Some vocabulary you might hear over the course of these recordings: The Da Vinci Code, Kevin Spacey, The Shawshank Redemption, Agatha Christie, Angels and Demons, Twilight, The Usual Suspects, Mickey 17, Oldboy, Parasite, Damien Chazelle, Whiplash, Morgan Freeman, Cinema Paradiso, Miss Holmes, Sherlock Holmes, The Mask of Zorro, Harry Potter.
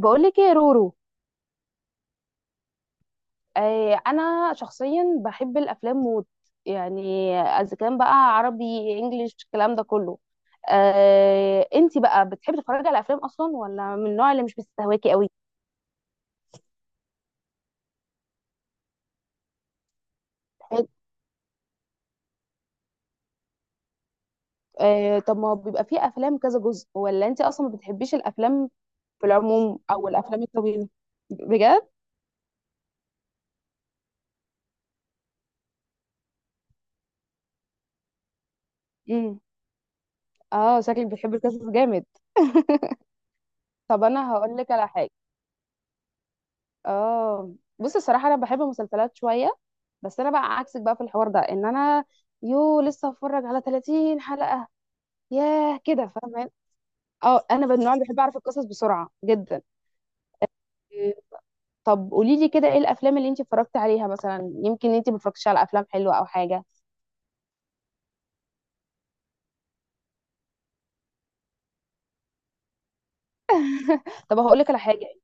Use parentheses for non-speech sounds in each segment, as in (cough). بقولك ايه يا رورو. آه انا شخصيا بحب الافلام موت، يعني اذا كان بقى عربي، انجليش، الكلام ده كله. آه، انتي بقى بتحبي تتفرجي على افلام اصلا، ولا من النوع اللي مش بيستهواكي قوي؟ بتحب- آه، طب ما بيبقى فيه افلام كذا جزء، ولا انتي اصلا ما بتحبيش الافلام في العموم، او الافلام الطويله؟ بجد؟ امم اه، شكلك بتحبي القصص جامد. طب انا هقول لك على حاجه. اه، بصي، الصراحه انا بحب المسلسلات شويه، بس انا بقى عكسك بقى في الحوار ده، ان انا يو لسه هتفرج على 30 حلقه، ياه، كده فاهمه؟ اه، انا من النوع اللي بحب اعرف القصص بسرعه جدا. إيه، طب قولي لي كده، ايه الافلام اللي انت اتفرجتي عليها مثلا؟ يمكن انت ما اتفرجتيش على افلام حلوه او حاجه. طب هقول لك على حاجه.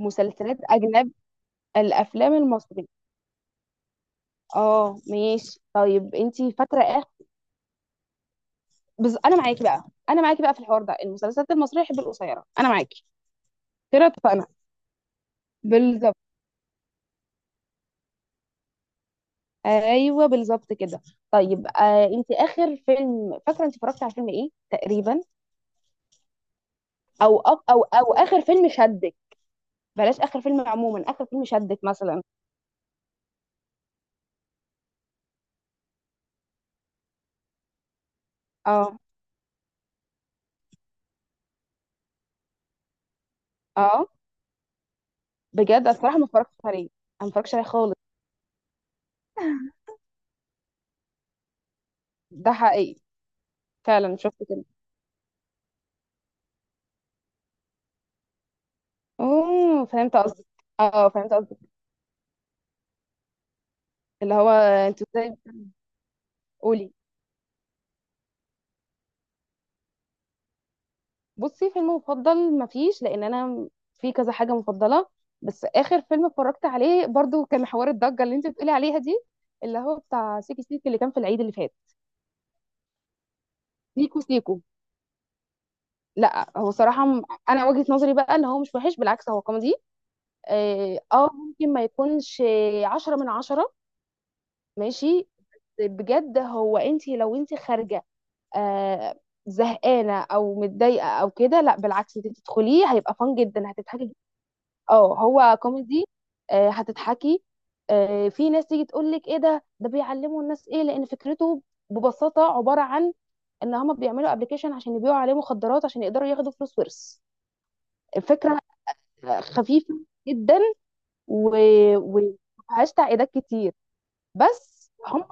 مسلسلات اجنب، الافلام المصريه. اه ماشي، طيب انت فاكره ايه؟ انا معاكي بقى، انا معاكي بقى في الحوار ده، المسلسلات المصريه بحب القصيره، انا معاكي. كده اتفقنا. بالظبط، ايوه بالظبط كده. طيب آه، انت اخر فيلم فاكره انت اتفرجتي على فيلم ايه تقريبا؟ او أو, او او اخر فيلم شدك؟ بلاش اخر فيلم عموما، اخر فيلم شدك مثلا. اه اه، بجد الصراحه ما اتفرجتش عليه انا، ما اتفرجتش عليه خالص. ده حقيقي. فعلا شفت كده. اوه، فهمت قصدك. اه فهمت قصدك، اللي هو انتوا ازاي. قولي. بصي، فيلم مفضل مفيش، لان انا في كذا حاجه مفضله، بس اخر فيلم اتفرجت عليه برضو كان حوار الضجه اللي انت بتقولي عليها دي، اللي هو بتاع سيكي سيكي اللي كان في العيد اللي فات. سيكو سيكو. لا، هو صراحه انا وجهه نظري بقى ان هو مش وحش، بالعكس هو كوميدي. اه، ممكن ما يكونش عشرة من عشرة. ماشي. بجد هو، انت لو انت خارجه، آه، زهقانه او متضايقه او كده، لا بالعكس انت تدخليه، هيبقى فان جدا، هتضحكي. اه هو كوميدي. هتضحكي. في ناس تيجي تقول لك ايه ده، ده بيعلموا الناس ايه، لان فكرته ببساطه عباره عن ان هم بيعملوا ابلكيشن عشان يبيعوا عليه مخدرات عشان يقدروا ياخدوا فلوس ورث. الفكره خفيفه جدا، ومفيهاش تعقيدات كتير. بس هم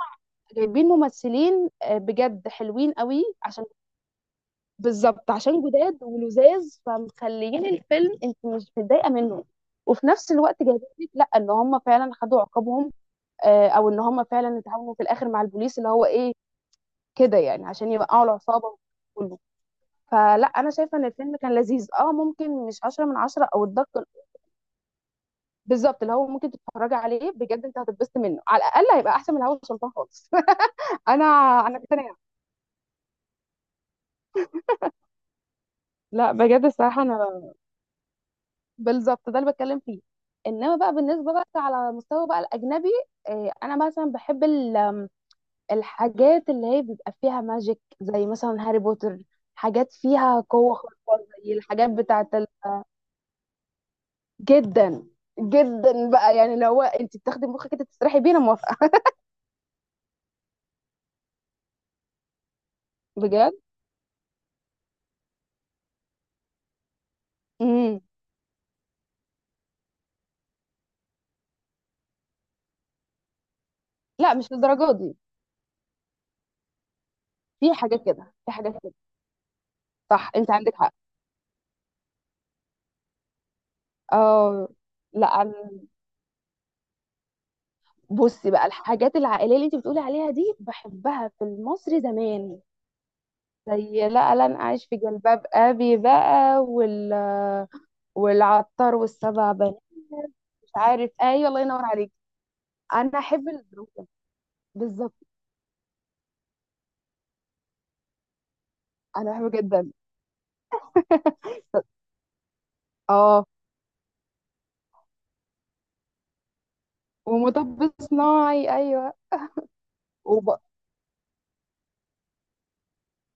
جايبين ممثلين، بجد حلوين قوي، عشان بالظبط عشان جداد ولذاذ، فمخليين الفيلم انت مش متضايقه منه. وفي نفس الوقت جايبين لك لا ان هم فعلا خدوا عقابهم، او ان هم فعلا اتعاونوا في الاخر مع البوليس اللي هو ايه، كده يعني، عشان يوقعوا العصابه كله. فلا، انا شايفه ان الفيلم كان لذيذ. اه ممكن مش 10 من 10 او الدق، بالظبط اللي هو ممكن تتفرجي عليه بجد، انت هتتبسط منه على الاقل، هيبقى احسن من الهوا سلطان خالص. (laughs) انا، انا مقتنعه. لا بجد الصراحه انا، بالظبط ده اللي بتكلم فيه. انما بقى بالنسبه بقى، على مستوى بقى الاجنبي، انا مثلا بحب الحاجات اللي هي بيبقى فيها ماجيك، زي مثلا هاري بوتر، حاجات فيها قوه خارقه، زي الحاجات بتاعت ال... جدا، جدا بقى يعني، اللي هو انت بتاخدي مخك كده تسرحي بيه، انا موافقه. (laughs) بجد. امم لا، مش للدرجه دي. في حاجات كده، في حاجات كده. صح، انت عندك حق. اه لا بصي بقى الحاجات العائليه اللي انت بتقولي عليها دي، بحبها في المصري زمان، زي لا لن اعيش في جلباب ابي بقى، وال... والعطار، والسبع بنات. مش عارف، ايوه، الله ينور عليك. انا احب الدراما. بالظبط، انا بحبه جدا. (laughs) اه، ومطب صناعي، ايوه. وب...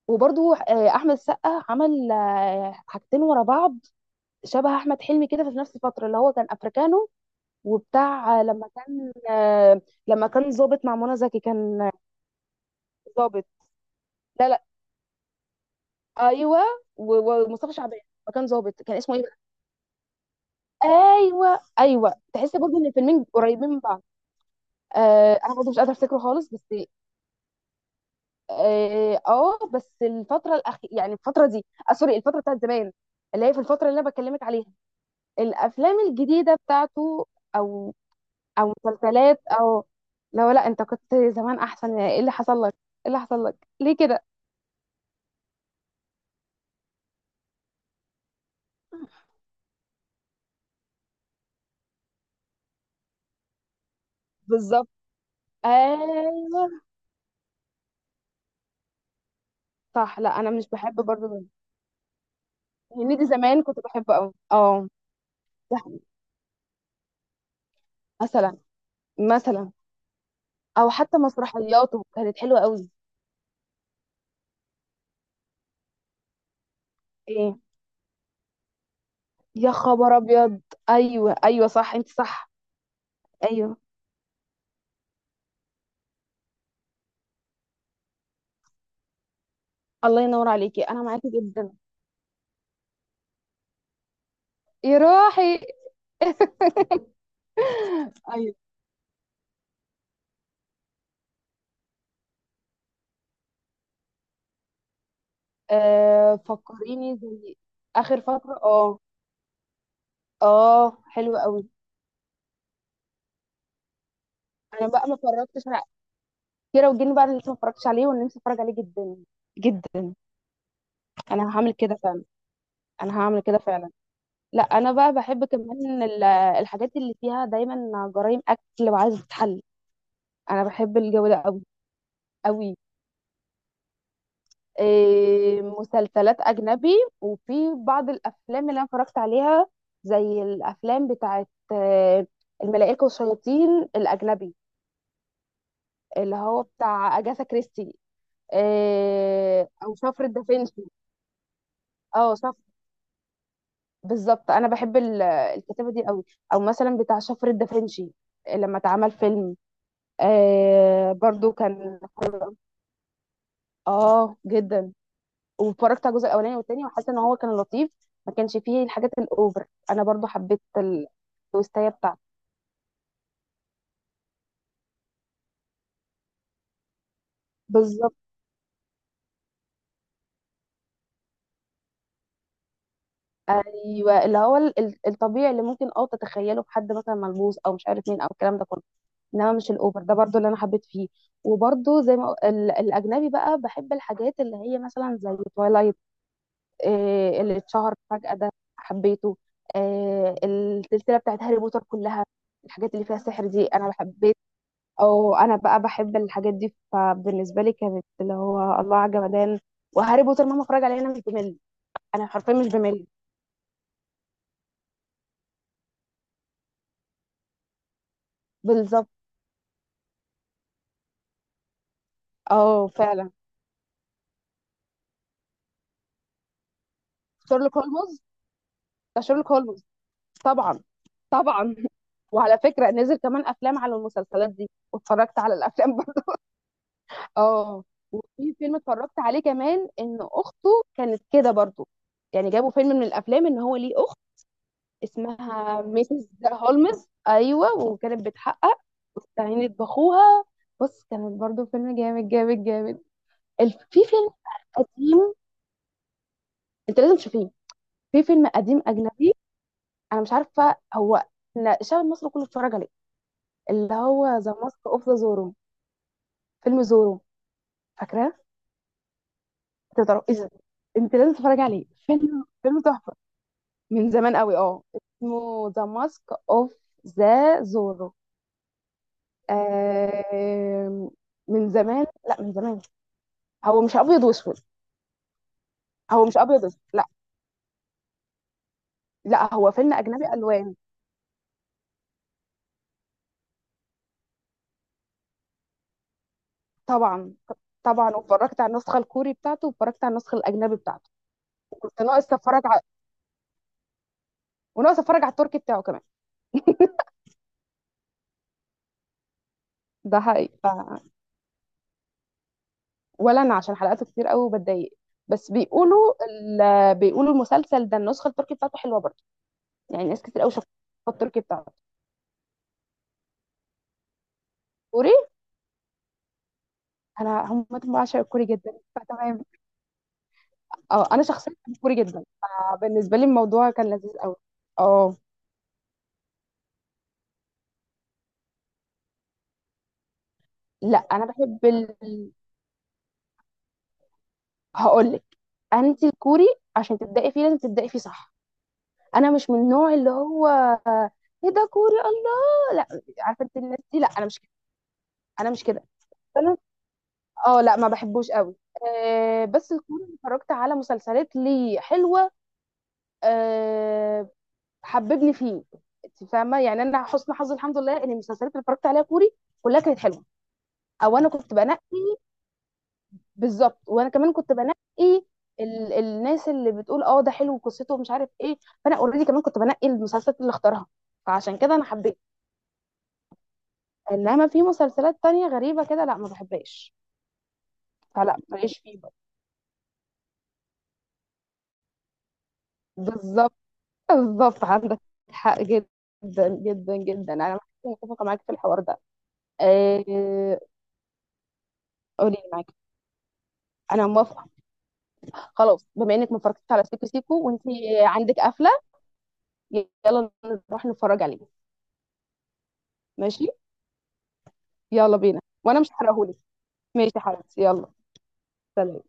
وبرضو احمد السقا عمل حاجتين ورا بعض شبه احمد حلمي كده في نفس الفتره، اللي هو كان افريكانو، وبتاع لما كان لما كان ظابط مع منى زكي، كان ظابط. لا. ايوه ومصطفى شعبان. ما كان ظابط، كان اسمه ايه؟ ايوه ايوه، تحس برضه ان الفيلمين قريبين من بعض. آه، انا برضه مش قادره افتكره خالص، بس اه، بس الفتره الاخيره، يعني الفتره دي، آه سوري، الفتره بتاعت زمان، اللي هي في الفتره اللي انا بكلمك عليها، الافلام الجديده بتاعته، او، او مسلسلات، او لو، لا انت كنت زمان احسن، ايه اللي حصل لك، ايه اللي حصل لك ليه كده؟ بالظبط. ايوه صح، لا انا مش بحب برضه ده. هنيدي زمان كنت بحبه قوي، اه. ده مثلا. مثلا، او حتى مسرحياته كانت حلوه قوي. ايه؟ يا خبر ابيض، ايوه ايوه صح، انت صح. ايوه. الله ينور عليكي، انا معاكي جدا. يا روحي. ايوه. آه فكريني، زي اخر فتره. اه اه، حلو قوي. انا بقى ما اتفرجتش على كيرة والجن بقى، انا لسه ما اتفرجتش عليه، وانا نفسي اتفرج عليه جدا. جدا، انا هعمل كده فعلا. انا هعمل كده فعلا. لا انا بقى بحب كمان الحاجات اللي فيها دايما جرائم اكل وعايزه تتحل، انا بحب الجو ده قوي. قوي. مسلسلات أجنبي، وفي بعض الأفلام اللي أنا اتفرجت عليها، زي الأفلام بتاعت الملائكة والشياطين، الأجنبي، اللي هو بتاع أجاثا كريستي، أو شفرة دافنشي. اه شفرة، بالظبط. أنا بحب الكتابة دي قوي. أو مثلا بتاع شفرة دافنشي لما اتعمل فيلم، آه برضو كان، اه جدا، واتفرجت على الجزء الاولاني والتاني، وحاسه ان هو كان لطيف، ما كانش فيه الحاجات الاوفر. انا برضو حبيت التويستايه بتاعته. بالظبط. ايوه، اللي هو الطبيعي اللي ممكن اه تتخيله في حد مثلا ملبوس، او مش عارف مين، او الكلام ده كله، انما مش الاوفر ده، برضو اللي انا حبيت فيه. وبرضو زي ما الاجنبي بقى، بحب الحاجات اللي هي مثلا زي تويلايت، اللي اتشهر فجأة ده، حبيته. السلسله بتاعت هاري بوتر كلها، الحاجات اللي فيها سحر دي انا بحب. او انا بقى بحب الحاجات دي، فبالنسبه لي كانت اللي هو الله على جمدان. وهاري بوتر مهما اتفرج عليه انا مش بمل، انا حرفيا مش بمل. بالظبط. اه فعلا، شيرلوك هولمز. ده شيرلوك هولمز. طبعا. طبعا. (laughs) وعلى فكره نزل كمان افلام على المسلسلات دي، واتفرجت على الافلام (laughs) برضه. اه. وفي فيلم اتفرجت عليه كمان ان اخته كانت كده برضه، يعني جابوا فيلم من الافلام ان هو ليه اخت، اسمها ميسيس هولمز، ايوه، وكانت بتحقق واستعينت باخوها. بص، كانت برضو فيلم جامد جامد جامد. في فيلم قديم، انت لازم تشوفيه، في فيلم قديم اجنبي، انا مش عارفه هو إحنا الشعب المصري كله اتفرج عليه، اللي هو ذا ماسك اوف ذا زورو. فيلم زورو، فاكراه؟ انت بتعرف ايه ده؟ انت لازم تتفرج عليه، فيلم، فيلم تحفه. من زمان قوي، اه، اسمه ذا ماسك اوف ذا زورو. آه. من زمان، لا من زمان. هو مش ابيض واسود؟ هو مش ابيض واسود، لا لا، هو فيلم اجنبي الوان. طبعا. طبعا، واتفرجت على النسخه الكوري بتاعته، واتفرجت على النسخه الاجنبي بتاعته. وكنت ناقص اتفرج على، وناقص اتفرج على التركي بتاعه كمان. ده حقيقي، ف... ولا انا عشان حلقاته كتير قوي وبتضايق. بس بيقولوا ال...، بيقولوا المسلسل ده النسخه التركي بتاعته حلوه برضه، يعني ناس كتير قوي شافت التركي بتاعته. كوري. انا هم بعشق الكوري جدا، فتمام. اه انا شخصيا بحب كوري جدا. فبالنسبه لي الموضوع كان لذيذ قوي. اه. لا، انا بحب ال... هقول لك. انت الكوري عشان تبداي فيه، لازم تبداي فيه صح. انا مش من النوع اللي هو ايه ده كوري، الله لا. عارفه انت الناس دي؟ لا، انا مش كده. انا مش كده انا اه لا، ما بحبوش قوي. أه، بس الكوري اللي اتفرجت على مسلسلات ليه حلوه. أه، حببني فيه. انت فاهمه يعني، انا حسن حظي الحمد لله ان المسلسلات اللي اتفرجت عليها كوري كلها كانت حلوه، او انا كنت بنقي. بالظبط، وانا كمان كنت بنقي ال...، الناس اللي بتقول اه ده حلو، قصته ومش عارف ايه، فانا اوريدي كمان كنت بنقي المسلسلات اللي اختارها، فعشان كده انا حبيت. انما في مسلسلات تانية غريبة كده، لا ما بحبهاش، فلا ماليش فيه بقى. بالظبط. بالظبط، عندك حق جدا جدا جدا، انا متفقة معاك في الحوار ده. آه... قولي لي، معاك، انا موافقة. خلاص، بما انك ما اتفرجتش على سيكو سيكو، وانت عندك قفلة، يلا نروح نتفرج عليه. ماشي. يلا بينا، وانا مش هحرقهولك. ماشي يا حبيبتي، يلا. سلام.